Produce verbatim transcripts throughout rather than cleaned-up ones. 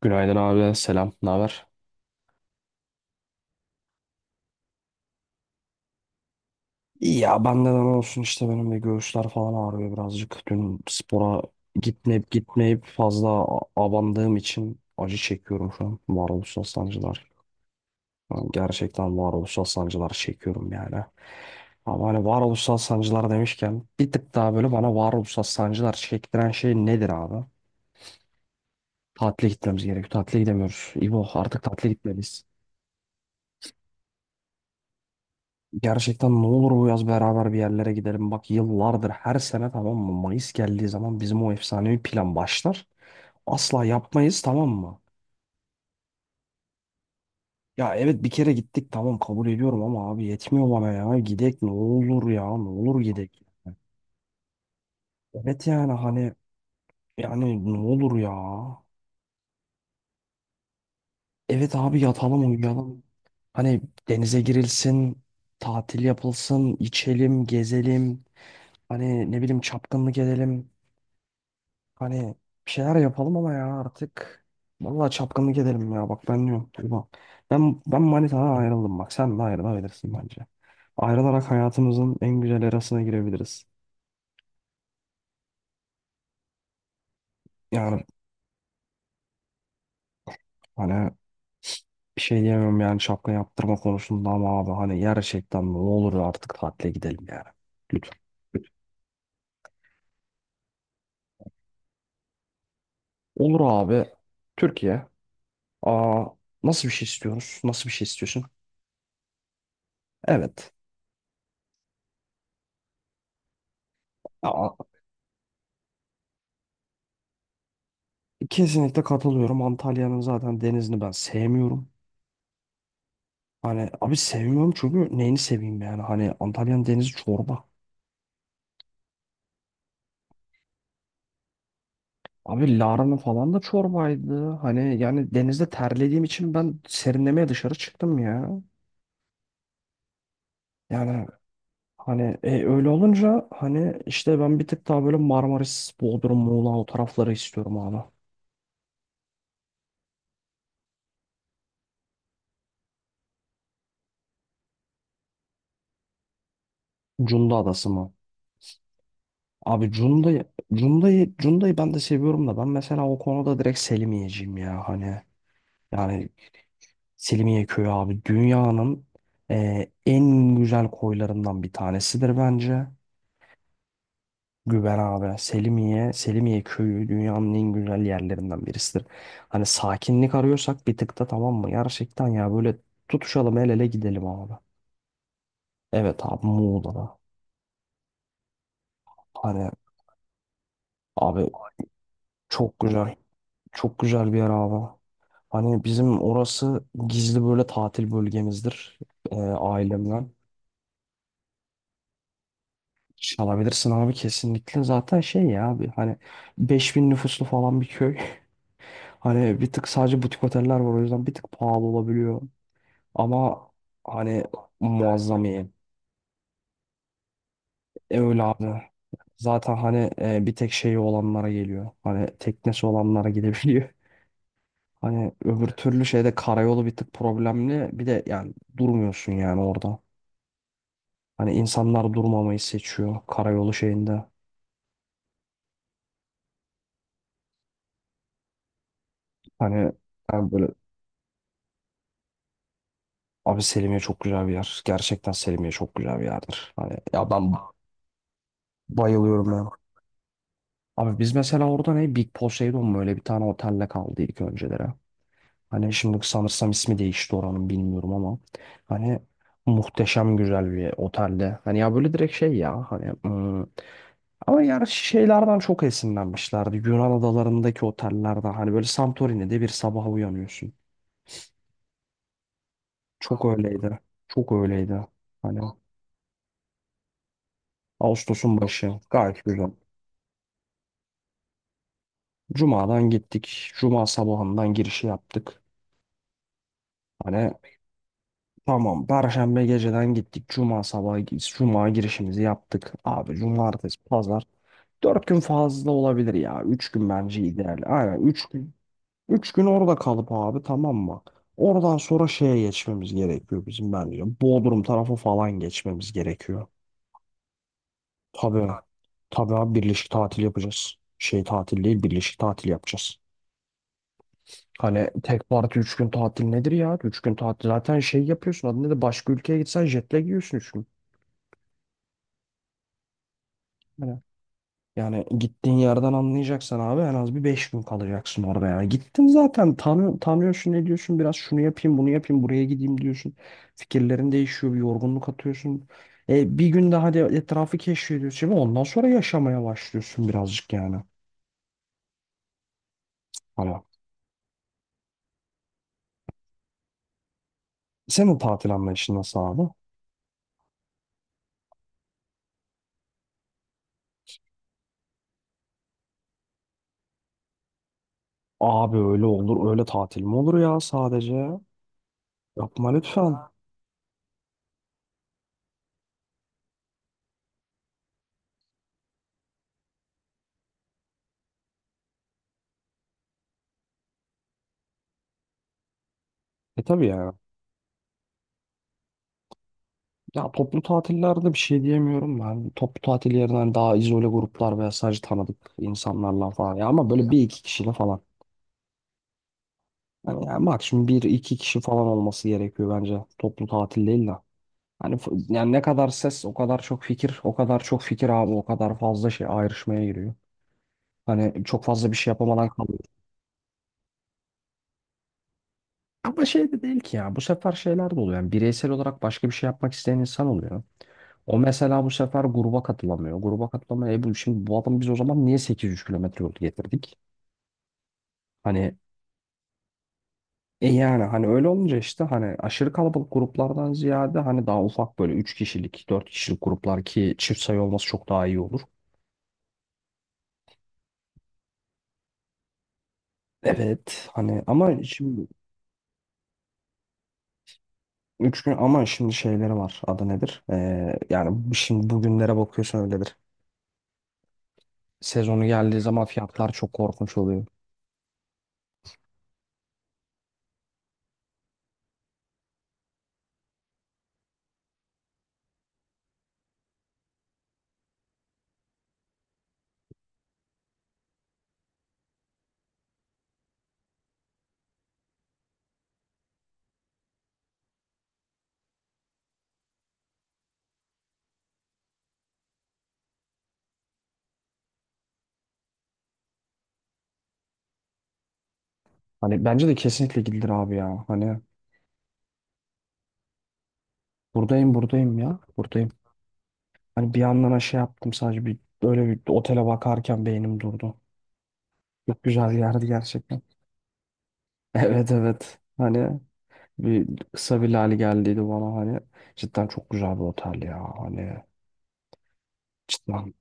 Günaydın abi, selam. Ne haber? Ya bende de ne olsun işte benim de göğüsler falan ağrıyor birazcık. Dün spora gitmeyip gitmeyip fazla a- abandığım için acı çekiyorum şu an. Varoluşsal sancılar. Yani gerçekten varoluşsal sancılar çekiyorum yani. Ama hani varoluşsal sancılar demişken bir tık daha böyle bana varoluşsal sancılar çektiren şey nedir abi? Tatile gitmemiz gerekiyor. Tatile gidemiyoruz. İbo artık tatile gitmeliyiz. Gerçekten ne olur bu yaz beraber bir yerlere gidelim. Bak yıllardır her sene tamam mı? Mayıs geldiği zaman bizim o efsanevi plan başlar. Asla yapmayız tamam mı? Ya evet bir kere gittik tamam kabul ediyorum ama abi yetmiyor bana ya. Gidek ne olur ya ne olur gidek. Evet yani hani yani ne olur ya. Evet abi yatalım uyuyalım. Hani denize girilsin, tatil yapılsın, içelim, gezelim. Hani ne bileyim çapkınlık edelim. Hani bir şeyler yapalım ama ya artık. Vallahi çapkınlık edelim ya bak ben diyorum. Tuğba. Ben, ben manitadan ayrıldım bak sen de ayrılabilirsin bence. Ayrılarak hayatımızın en güzel erasına girebiliriz. Yani hani bir şey diyemem yani şapka yaptırma konusunda ama abi hani gerçekten ne olur artık tatile gidelim yani. Lütfen. Olur abi. Türkiye. Aa, nasıl bir şey istiyoruz? Nasıl bir şey istiyorsun? Evet. Kesinlikle katılıyorum. Antalya'nın zaten denizini ben sevmiyorum. Hani abi sevmiyorum çünkü neyini seveyim yani. Hani Antalya'nın denizi çorba. Abi Lara'nın falan da çorbaydı. Hani yani denizde terlediğim için ben serinlemeye dışarı çıktım ya. Yani hani e, öyle olunca hani işte ben bir tık daha böyle Marmaris, Bodrum, Muğla o tarafları istiyorum abi. Cunda Adası mı? Abi Cunda'yı Cunda'yı Cunda'yı ben de seviyorum da ben mesela o konuda direkt Selimiye'ciyim ya hani yani Selimiye Köyü abi dünyanın e, en güzel koylarından bir tanesidir bence. Güven abi Selimiye, Selimiye Köyü dünyanın en güzel yerlerinden birisidir. Hani sakinlik arıyorsak bir tık da tamam mı? Gerçekten ya böyle tutuşalım el ele gidelim abi. Evet abi Muğla'da. Hani abi çok güzel. Çok güzel bir yer abi. Hani bizim orası gizli böyle tatil bölgemizdir e, ailemle. Çalabilirsin abi kesinlikle. Zaten şey ya abi hani beş bin nüfuslu falan bir köy. Hani bir tık sadece butik oteller var o yüzden bir tık pahalı olabiliyor. Ama hani muazzam iyi. E, öyle abi. Zaten hani e, bir tek şeyi olanlara geliyor. Hani teknesi olanlara gidebiliyor. Hani öbür türlü şeyde karayolu bir tık problemli. Bir de yani durmuyorsun yani orada. Hani insanlar durmamayı seçiyor karayolu şeyinde. Hani yani böyle. Abi Selimiye çok güzel bir yer. Gerçekten Selimiye çok güzel bir yerdir. Hani ya ben bayılıyorum ya. Abi biz mesela orada ne Big Poseidon mu öyle bir tane otelle kaldıydık önceleri. Hani şimdi sanırsam ismi değişti oranın bilmiyorum ama hani muhteşem güzel bir otelde. Hani ya böyle direkt şey ya hani ım, ama yani şeylerden çok esinlenmişlerdi. Yunan adalarındaki otellerden hani böyle Santorini'de bir sabah uyanıyorsun. Çok öyleydi. Çok öyleydi. Hani Ağustos'un başı gayet güzel. Cuma'dan gittik. Cuma sabahından girişi yaptık. Hani tamam Perşembe geceden gittik. Cuma sabahı Cuma girişimizi yaptık. Abi cumartesi pazar. Dört gün fazla olabilir ya. Üç gün bence ideal. Aynen üç gün. Üç gün orada kalıp abi tamam mı? Oradan sonra şeye geçmemiz gerekiyor bizim bence. Bodrum tarafı falan geçmemiz gerekiyor. Tabii. Tabii abi birleşik tatil yapacağız. Şey tatil değil birleşik tatil yapacağız. Hani tek parti üç gün tatil nedir ya? Üç gün tatil zaten şey yapıyorsun. Adı nedir? Başka ülkeye gitsen jetle giyiyorsun üç gün. Hani yani gittiğin yerden anlayacaksan abi en az bir beş gün kalacaksın orada yani. Gittin zaten tanı, tanıyorsun ne diyorsun biraz şunu yapayım bunu yapayım buraya gideyim diyorsun. Fikirlerin değişiyor bir yorgunluk atıyorsun. E, bir gün daha de etrafı keşfediyorsun. Şimdi ondan sonra yaşamaya başlıyorsun birazcık yani. Hani senin tatil anlayışın nasıl abi? Abi öyle olur öyle tatil mi olur ya sadece? Yapma lütfen. E tabii ya. Ya toplu tatillerde bir şey diyemiyorum ben. Toplu tatil yerine hani daha izole gruplar veya sadece tanıdık insanlarla falan. Ya ama böyle bir iki kişiyle falan. Hani yani maksimum bir iki kişi falan olması gerekiyor bence. Toplu tatil değil de. Hani f- yani ne kadar ses o kadar çok fikir. O kadar çok fikir abi o kadar fazla şey ayrışmaya giriyor. Hani çok fazla bir şey yapamadan kalıyor. Ama şey de değil ki ya. Bu sefer şeyler de oluyor. Yani bireysel olarak başka bir şey yapmak isteyen insan oluyor. O mesela bu sefer gruba katılamıyor. Gruba katılamıyor. E bu şimdi bu adamı biz o zaman niye sekiz yüz kilometre yol getirdik? Hani e yani hani öyle olunca işte hani aşırı kalabalık gruplardan ziyade hani daha ufak böyle üç kişilik dört kişilik gruplar ki çift sayı olması çok daha iyi olur. Evet hani ama şimdi üç gün ama şimdi şeyleri var adı nedir? Ee, yani şimdi bugünlere bakıyorsun öyledir. Sezonu geldiği zaman fiyatlar çok korkunç oluyor. Hani bence de kesinlikle gidilir abi ya. Hani buradayım buradayım ya. Buradayım. Hani bir yandan ha şey yaptım sadece bir böyle bir otele bakarken beynim durdu. Çok güzel yerdi gerçekten. Evet evet. Hani bir kısa bir lale geldiydi bana hani. Cidden çok güzel bir otel ya. Hani cidden.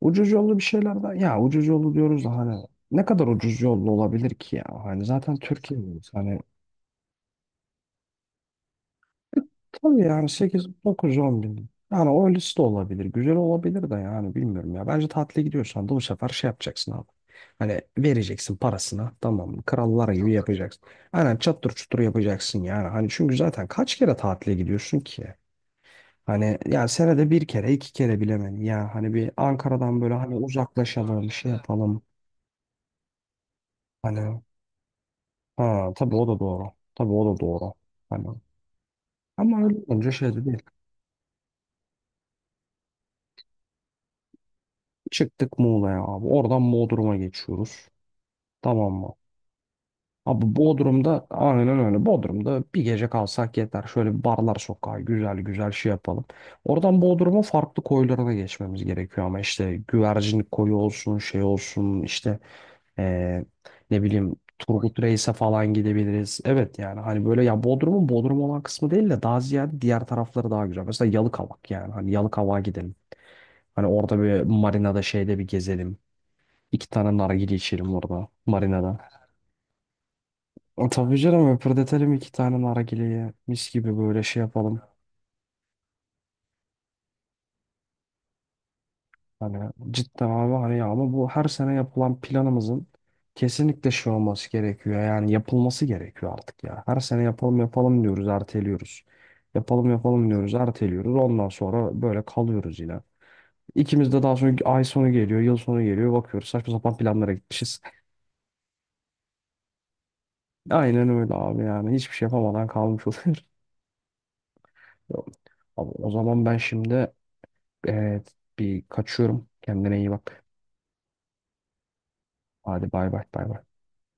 Ucuz yollu bir şeylerden. Ya ucuz yollu diyoruz da hani ne kadar ucuz yollu olabilir ki ya. Hani zaten Türkiye'deyiz. Hani tabii yani sekiz dokuz on bin. Yani o liste olabilir. Güzel olabilir de yani bilmiyorum ya. Bence tatile gidiyorsan da bu sefer şey yapacaksın abi. Hani vereceksin parasına tamam mı? Krallar gibi yapacaksın. Aynen çattır çutur yapacaksın yani. Hani çünkü zaten kaç kere tatile gidiyorsun ki? Hani yani senede bir kere iki kere bilemem ya hani bir Ankara'dan böyle hani uzaklaşalım şey yapalım. Hani ha tabii o da doğru. Tabii o da doğru. Hani ama öyle olunca şey de değil. Çıktık Muğla'ya abi. Oradan Bodrum'a geçiyoruz. Tamam mı? Abi Bodrum'da aynen öyle. Bodrum'da bir gece kalsak yeter. Şöyle bir barlar sokağı güzel güzel şey yapalım. Oradan Bodrum'un farklı koylarına geçmemiz gerekiyor ama işte güvercin koyu olsun şey olsun işte eee, ne bileyim Turgut Reis'e falan gidebiliriz. Evet yani hani böyle ya Bodrum'un Bodrum olan kısmı değil de daha ziyade diğer tarafları daha güzel. Mesela Yalıkavak yani hani Yalıkavak'a gidelim. Hani orada bir marinada şeyde bir gezelim. İki tane nargile içelim orada. Marina'da. E, tabii canım öpürdetelim iki tane nargileyi. Mis gibi böyle şey yapalım. Hani cidden abi hani ya ama bu her sene yapılan planımızın kesinlikle şey olması gerekiyor. Yani yapılması gerekiyor artık ya. Her sene yapalım yapalım diyoruz erteliyoruz. Yapalım yapalım diyoruz erteliyoruz. Ondan sonra böyle kalıyoruz yine. İkimiz de daha sonra ay sonu geliyor, yıl sonu geliyor. Bakıyoruz saçma sapan planlara gitmişiz. Aynen öyle abi yani. Hiçbir şey yapamadan kalmış oluyoruz. Yok. Abi, o zaman ben şimdi e, bir kaçıyorum. Kendine iyi bak. Hadi bay bay bay bay.